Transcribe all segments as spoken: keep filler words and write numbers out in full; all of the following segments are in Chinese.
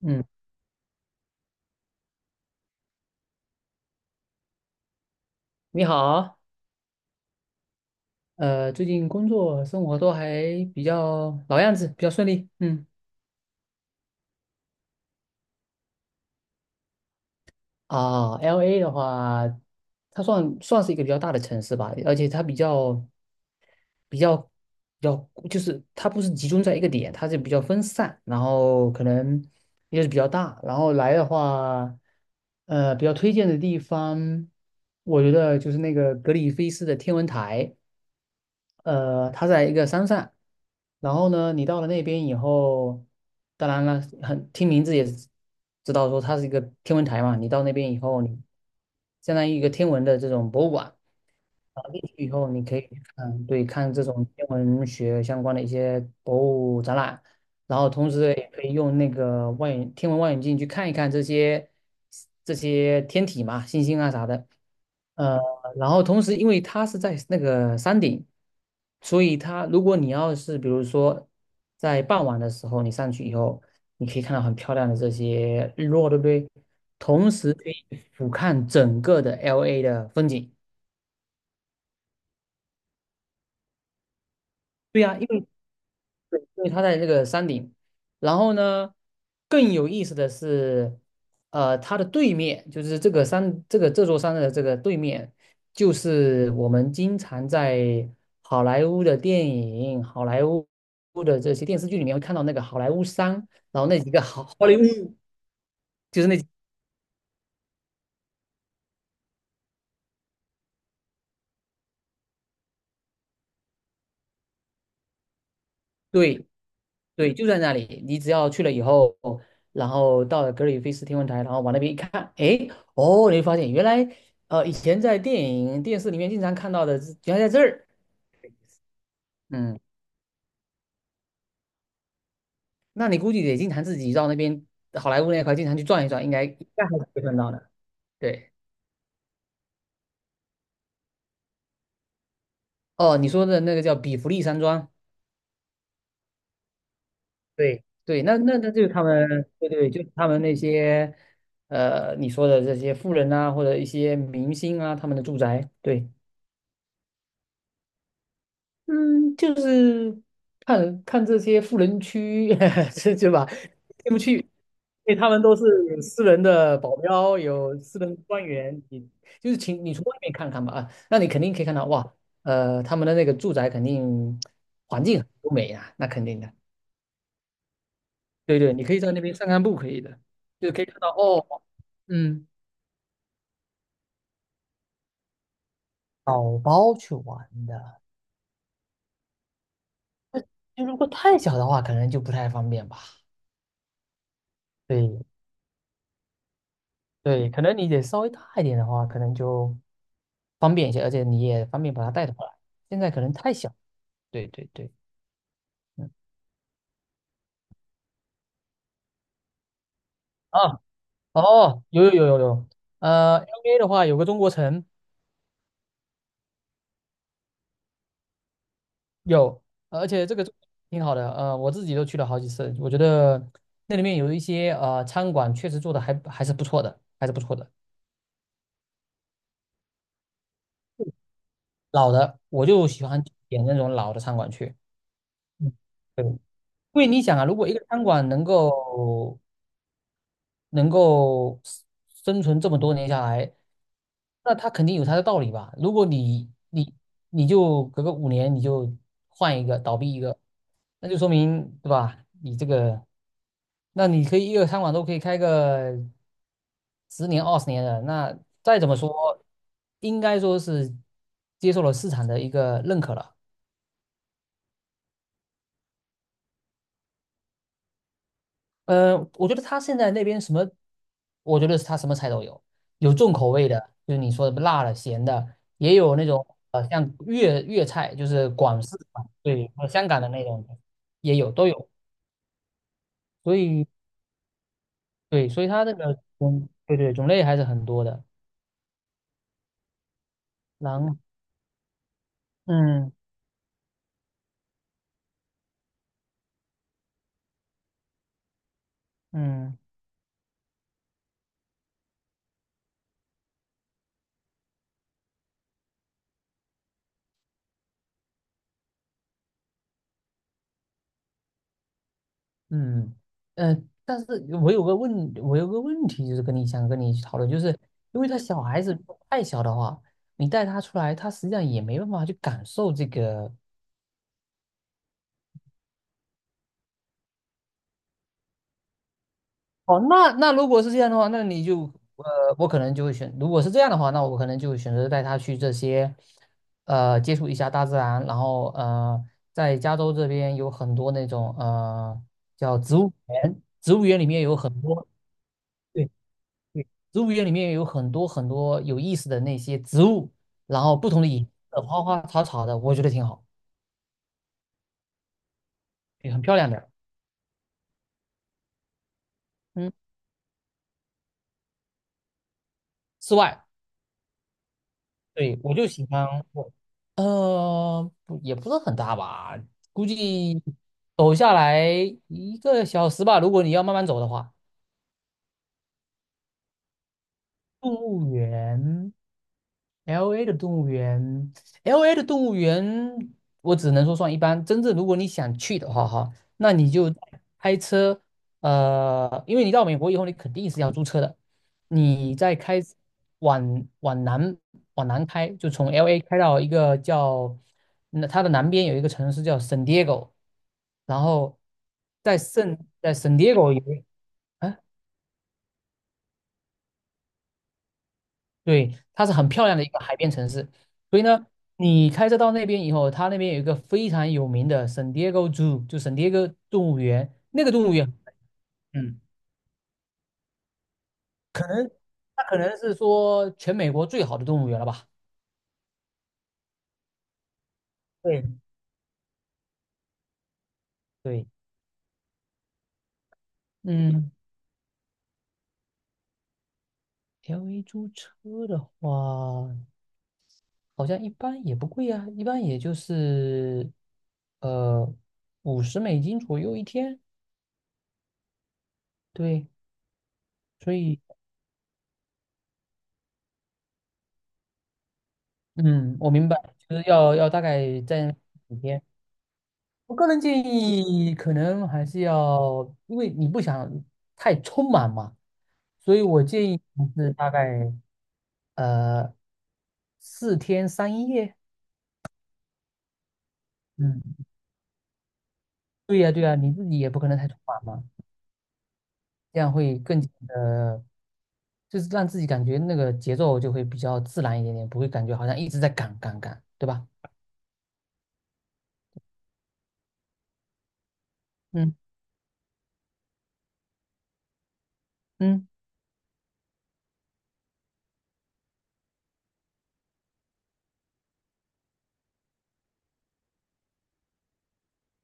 嗯，你好，呃，最近工作生活都还比较老样子，比较顺利。嗯，啊，L A 的话，它算算是一个比较大的城市吧，而且它比较比较比较，就是它不是集中在一个点，它是比较分散，然后可能也是比较大。然后来的话，呃，比较推荐的地方，我觉得就是那个格里菲斯的天文台。呃，它在一个山上，然后呢，你到了那边以后，当然了，很听名字也知道说它是一个天文台嘛。你到那边以后，你相当于一个天文的这种博物馆啊，进去以后你可以去看，对，看这种天文学相关的一些博物展览，然后同时也可以用那个望远天文望远镜去看一看这些这些天体嘛，星星啊啥的。呃，然后同时，因为它是在那个山顶，所以它如果你要是比如说在傍晚的时候你上去以后，你可以看到很漂亮的这些日落，对不对？同时可以俯瞰整个的 L A 的风景。对呀，因为对，因为它在这个山顶。然后呢，更有意思的是，呃，它的对面就是这个山，这个这座山的这个对面，就是我们经常在好莱坞的电影、好莱坞的这些电视剧里面会看到那个好莱坞山，然后那几个好好莱坞，嗯就是那几对。对，就在那里。你只要去了以后，然后到了格里菲斯天文台，然后往那边一看，哎，哦，你会发现原来，呃，以前在电影、电视里面经常看到的，原来在这儿。嗯，那你估计得经常自己到那边好莱坞那块经常去转一转，应该应该还是会看到的。对，哦，你说的那个叫比弗利山庄。对对，那那那就是他们，对对，就是他们那些，呃，你说的这些富人啊，或者一些明星啊，他们的住宅。对。嗯，就是看看这些富人区，是是吧？进不去，因为他们都是有私人的保镖，有私人官员，你就是请你从外面看看吧啊，那你肯定可以看到哇，呃，他们的那个住宅肯定环境很优美啊，那肯定的，对对，你可以在那边散散步，可以的，就可以看到哦，嗯，宝宝去玩的，那如果太小的话，可能就不太方便吧。对，对，可能你得稍微大一点的话，可能就方便一些，而且你也方便把它带回来。现在可能太小。对对对，嗯啊哦，有有有有有，呃，L A 的话有个中国城有，而且这个挺好的，呃，我自己都去了好几次，我觉得那里面有一些呃餐馆确实做的还还是不错的，还是不错的。老的我就喜欢点那种老的餐馆去。嗯，对，因为你想啊，如果一个餐馆能够能够 s- 生存这么多年下来，那他肯定有他的道理吧？如果你你你就隔个五年你就换一个倒闭一个，那就说明对吧？你这个，那你可以一个餐馆都可以开个十年二十年的，那再怎么说，应该说是接受了市场的一个认可了。呃，我觉得他现在那边什么，我觉得他什么菜都有，有重口味的，就是你说的辣的、咸的，也有那种呃像粤粤菜，就是广式嘛，对，和香港的那种也有都有，所以对，所以它这个种对对，种类还是很多的。然嗯嗯。嗯，呃，但是我有个问，我有个问题，就是跟你想跟你去讨论，就是因为他小孩子太小的话，你带他出来，他实际上也没办法去感受这个。哦，那那如果是这样的话，那你就呃，我可能就会选，如果是这样的话，那我可能就会选择带他去这些，呃，接触一下大自然，然后呃，在加州这边有很多那种呃叫植物园，植物园里面有很多。对。对，植物园里面有很多很多有意思的那些植物，然后不同的颜色，花花草草的，我觉得挺好，也很漂亮的。嗯，室外，对，我就喜欢我，呃，不也不是很大吧，估计走下来一个小时吧，如果你要慢慢走的话。动物园，L A 的动物园，L A 的动物园，我只能说算一般。真正如果你想去的话，哈，那你就开车，呃，因为你到美国以后，你肯定是要租车的。你再开往往南往南开，就从 L A 开到一个叫那它的南边有一个城市叫 San Diego，然后在圣在 San Diego 有。啊对，它是很漂亮的一个海边城市，所以呢，你开车到那边以后，它那边有一个非常有名的 San Diego Zoo，就 San Diego 动物园，那个动物园，嗯，它可能是说全美国最好的动物园了吧？对对，嗯，L A 租车的话，好像一般也不贵啊，一般也就是呃五十美金左右一天，对，所以嗯，我明白，就是要要大概在几天。我个人建议可能还是要，因为你不想太匆忙嘛，所以我建议是大概呃四天三夜。嗯，对呀对呀，你自己也不可能太匆忙嘛，这样会更加的，就是让自己感觉那个节奏就会比较自然一点点，不会感觉好像一直在赶赶赶，对吧？嗯嗯，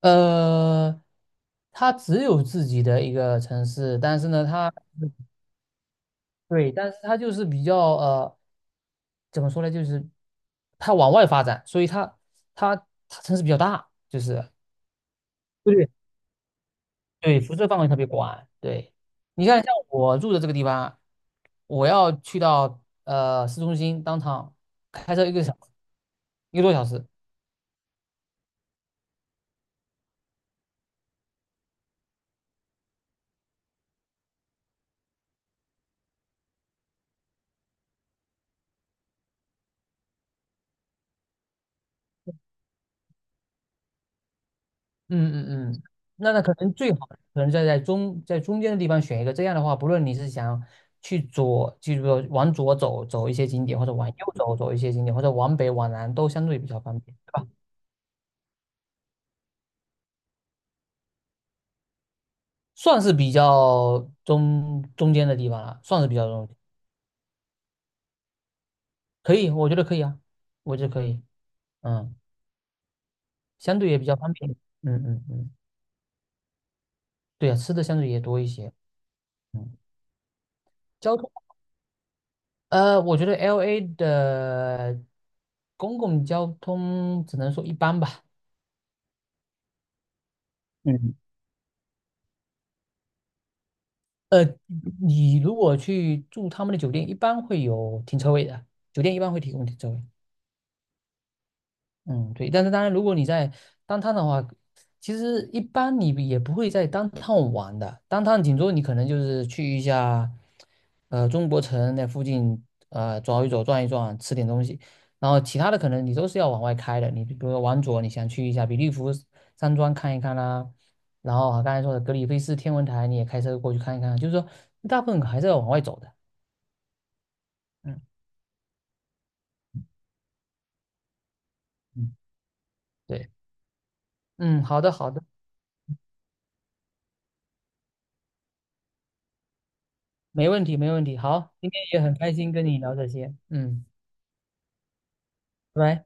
呃，它只有自己的一个城市，但是呢，它对，但是它就是比较呃。怎么说呢，就是它往外发展，所以它它它城市比较大，就是对对，辐射范围特别广。对，你看像我住的这个地方，我要去到呃市中心当场开车一个小时，一个多小时。嗯嗯嗯，那那可能最好可能在在中在中间的地方选一个，这样的话，不论你是想去左，就是说往左走走一些景点，或者往右走走一些景点，或者往北往南，都相对比较方便。对吧？算是比较中中间的地方了，算是比较中间，可以，我觉得可以啊，我觉得可以，嗯，相对也比较方便，嗯嗯嗯，对啊，吃的相对也多一些，嗯，交通，呃，我觉得 L A 的公共交通只能说一般吧，嗯，呃，你如果去住他们的酒店，一般会有停车位的，酒店一般会提供停车位，嗯，对，但是当然，如果你在当趟的话，其实一般你也不会在当趟玩的。当趟顶多你可能就是去一下，呃，中国城那附近，呃，走一走，转一转，吃点东西。然后其他的可能你都是要往外开的。你比如说往左，你想去一下比利福山庄看一看啦、然后啊刚才说的格里菲斯天文台，你也开车过去看一看。就是说，大部分还是要往外走的。嗯嗯，对，嗯，好的好的。没问题，没问题。好，今天也很开心跟你聊这些，嗯，拜拜。